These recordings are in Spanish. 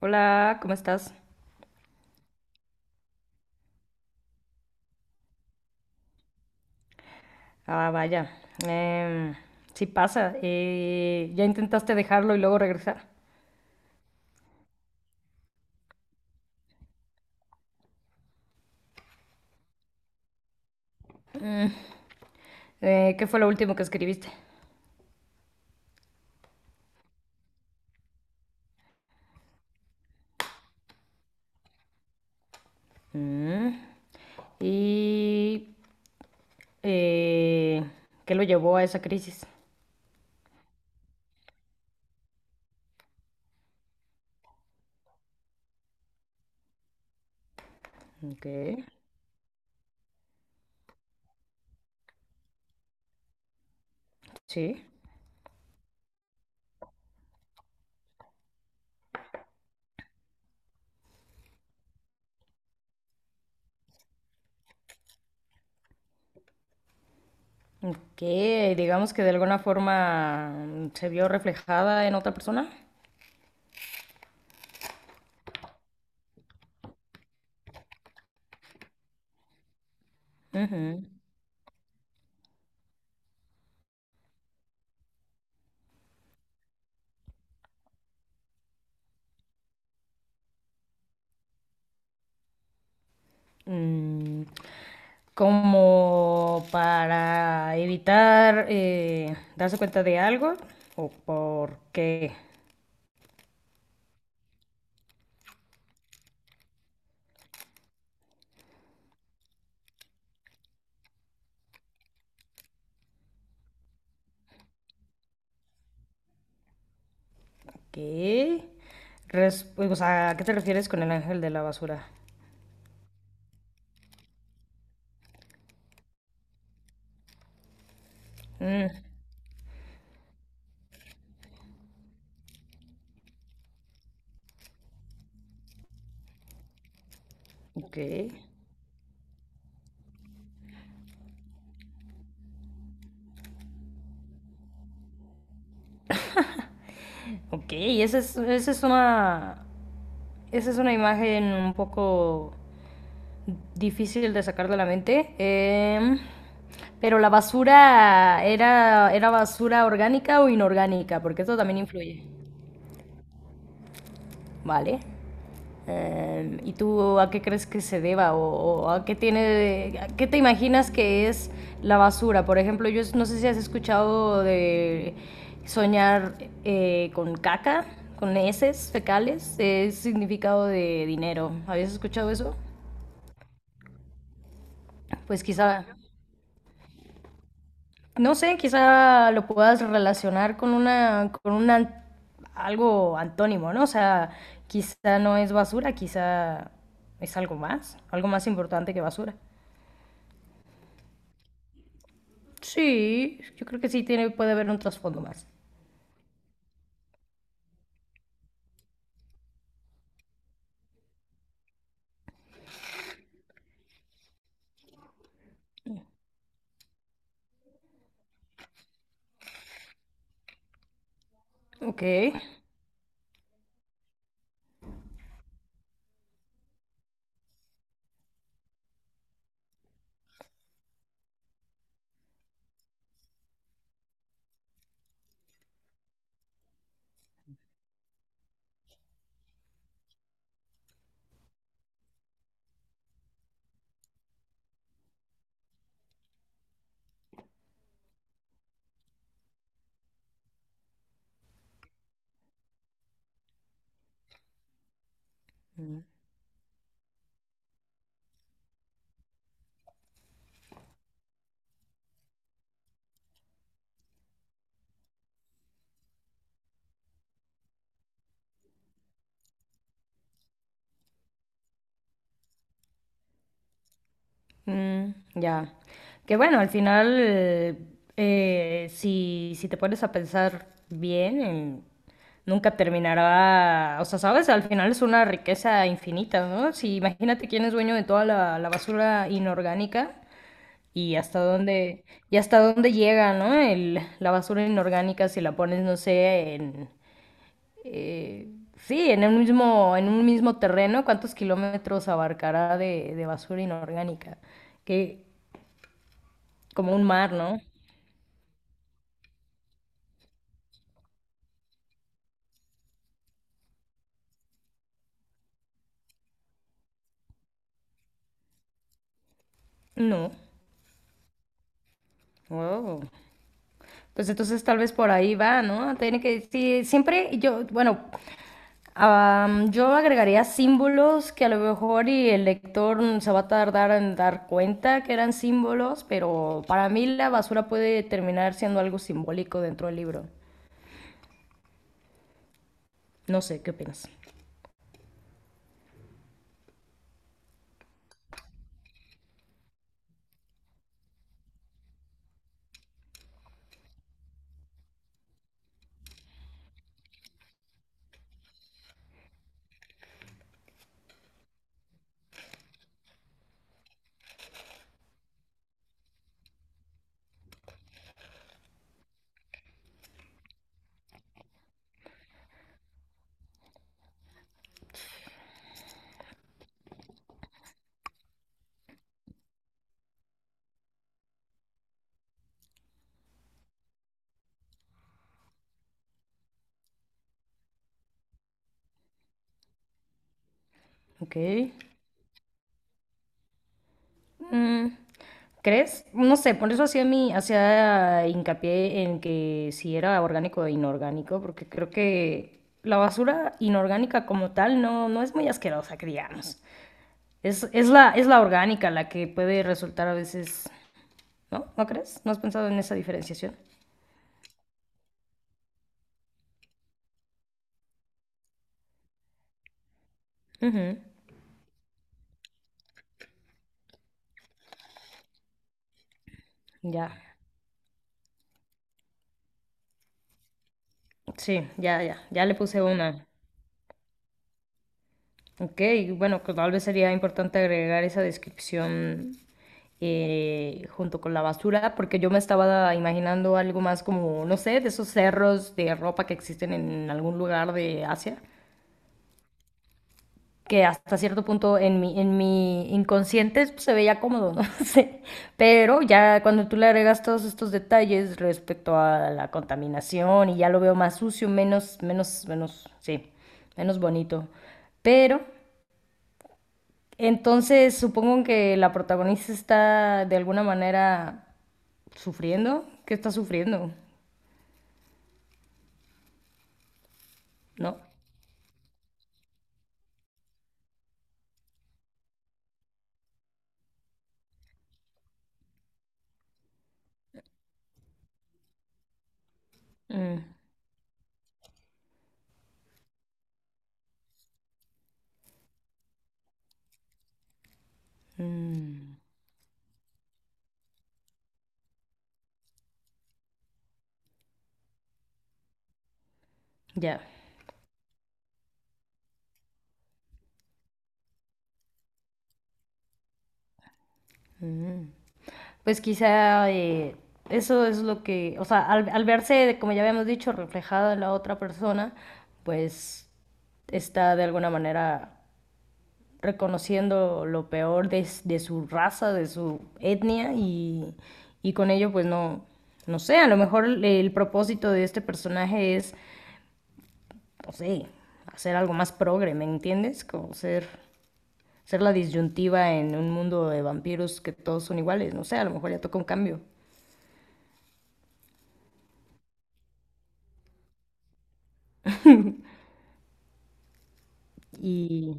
Hola, ¿cómo estás? Ah, vaya. em, sí pasa. ¿Ya intentaste dejarlo y luego regresar? ¿Qué fue lo último que escribiste? Mm. ¿Y eh, qué lo llevó a esa crisis? Ok, sí. Que digamos que de alguna forma se vio reflejada en otra persona. Ujú. Mm, como para evitar, darse cuenta de algo o por qué. ¿Qué? O sea, ¿a qué te refieres con el ángel de la basura? Mm, ok, ok, esa es, esa es una imagen un poco difícil de sacar de la mente. Pero la basura era, era basura orgánica o inorgánica, porque eso también influye. ¿Vale? ¿Y tú a qué crees que se deba? O, o a qué tiene, a qué te imaginas que es la basura. Por ejemplo, yo no sé si has escuchado de soñar con caca, con heces fecales, es significado de dinero. ¿Habías escuchado eso? Pues quizá, no sé, quizá lo puedas relacionar con una, algo antónimo, ¿no? O sea, quizá no es basura, quizá es algo más importante que basura. Sí, yo creo que sí tiene, puede haber un trasfondo más. Ok. Mm, ya. Que bueno, al final, si, si te pones a pensar bien, nunca terminará. O sea, sabes, al final es una riqueza infinita, ¿no? Si imagínate quién es dueño de toda la basura inorgánica y hasta dónde, y hasta dónde llega, ¿no? El, la basura inorgánica si la pones, no sé, en, eh, sí, en un mismo terreno, ¿cuántos kilómetros abarcará de basura inorgánica? Que, como un mar, ¿no? No. Wow. Pues entonces tal vez por ahí va, ¿no? Tiene que, sí, siempre yo, bueno, yo agregaría símbolos que a lo mejor y el lector, se va a tardar en dar cuenta que eran símbolos, pero para mí la basura puede terminar siendo algo simbólico dentro del libro. No sé, ¿qué opinas? Ok. Mm, ¿crees? No sé, por eso hacía mi, hacía hincapié en que si era orgánico o inorgánico, porque creo que la basura inorgánica como tal no, no es muy asquerosa, que digamos. Es la orgánica la que puede resultar a veces, ¿no? ¿No crees? ¿No has pensado en esa diferenciación? Ujú. Ya. Sí, ya, ya. Ya le puse una. Ok, bueno, que tal vez sería importante agregar esa descripción, junto con la basura, porque yo me estaba imaginando algo más como, no sé, de esos cerros de ropa que existen en algún lugar de Asia, que hasta cierto punto en mi inconsciente pues, se veía cómodo, no sé. Pero ya cuando tú le agregas todos estos detalles respecto a la contaminación y ya lo veo más sucio, menos, menos, menos, sí, menos bonito. Pero entonces, supongo que la protagonista está de alguna manera sufriendo. ¿Qué está sufriendo? ¿No? Mm, mm, ya. Pues quizá eso es lo que, o sea, al, al verse, como ya habíamos dicho, reflejada en la otra persona, pues está de alguna manera reconociendo lo peor de, de su raza, de su etnia y con ello pues no, no sé, a lo mejor el propósito de este personaje es, no sé, hacer algo más progre, ¿me entiendes? Como ser, ser la disyuntiva en un mundo de vampiros que todos son iguales, no sé, a lo mejor ya toca un cambio. Y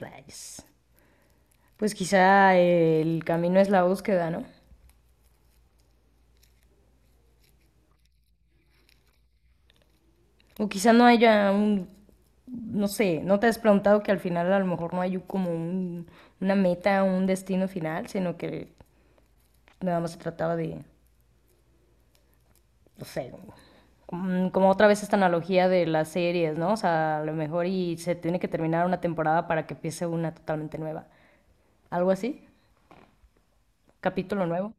rayos. Pues quizá el camino es la búsqueda, ¿no? O quizá no haya un, no sé, ¿no te has preguntado que al final a lo mejor no hay como una meta, un destino final, sino que nada más se trataba de, no sé, mm, como otra vez esta analogía de las series, ¿no? O sea, a lo mejor y se tiene que terminar una temporada para que empiece una totalmente nueva. ¿Algo así? ¿Capítulo nuevo?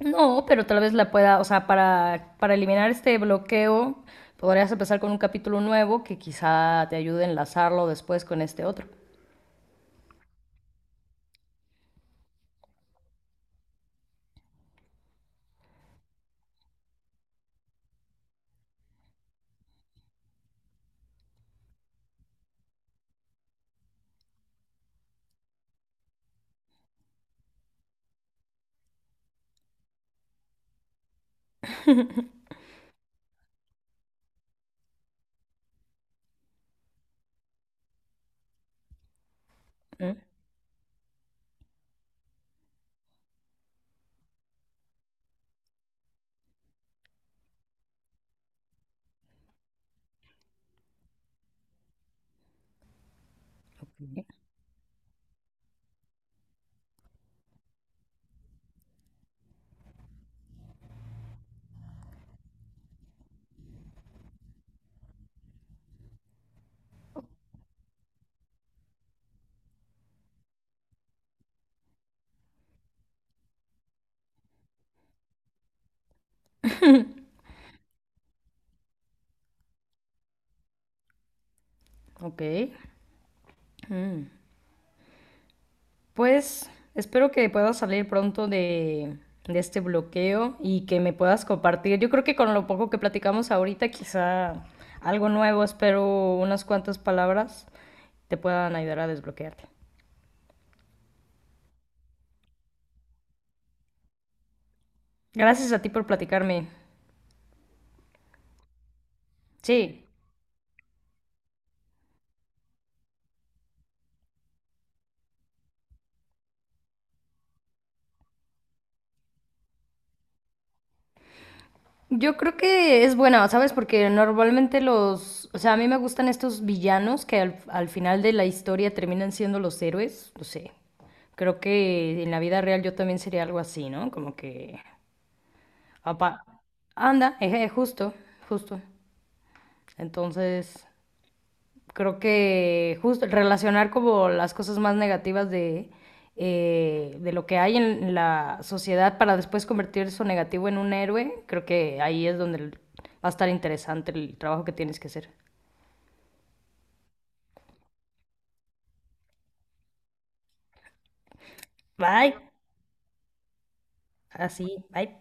No, pero tal vez la pueda, o sea, para eliminar este bloqueo, podrías empezar con un capítulo nuevo que quizá te ayude a enlazarlo después con este otro. ¿Mm? Ok. Ok. Pues espero que puedas salir pronto de este bloqueo y que me puedas compartir. Yo creo que con lo poco que platicamos ahorita, quizá algo nuevo, espero unas cuantas palabras te puedan ayudar a desbloquearte. Gracias a ti por platicarme. Sí, yo creo que es buena, ¿sabes? Porque normalmente los, o sea, a mí me gustan estos villanos que al, al final de la historia terminan siendo los héroes, no sé. Creo que en la vida real yo también sería algo así, ¿no? Como que Apa- anda, eje, justo, justo. Entonces, creo que justo relacionar como las cosas más negativas de lo que hay en la sociedad para después convertir eso negativo en un héroe, creo que ahí es donde va a estar interesante el trabajo que tienes que hacer. Bye. Así, bye.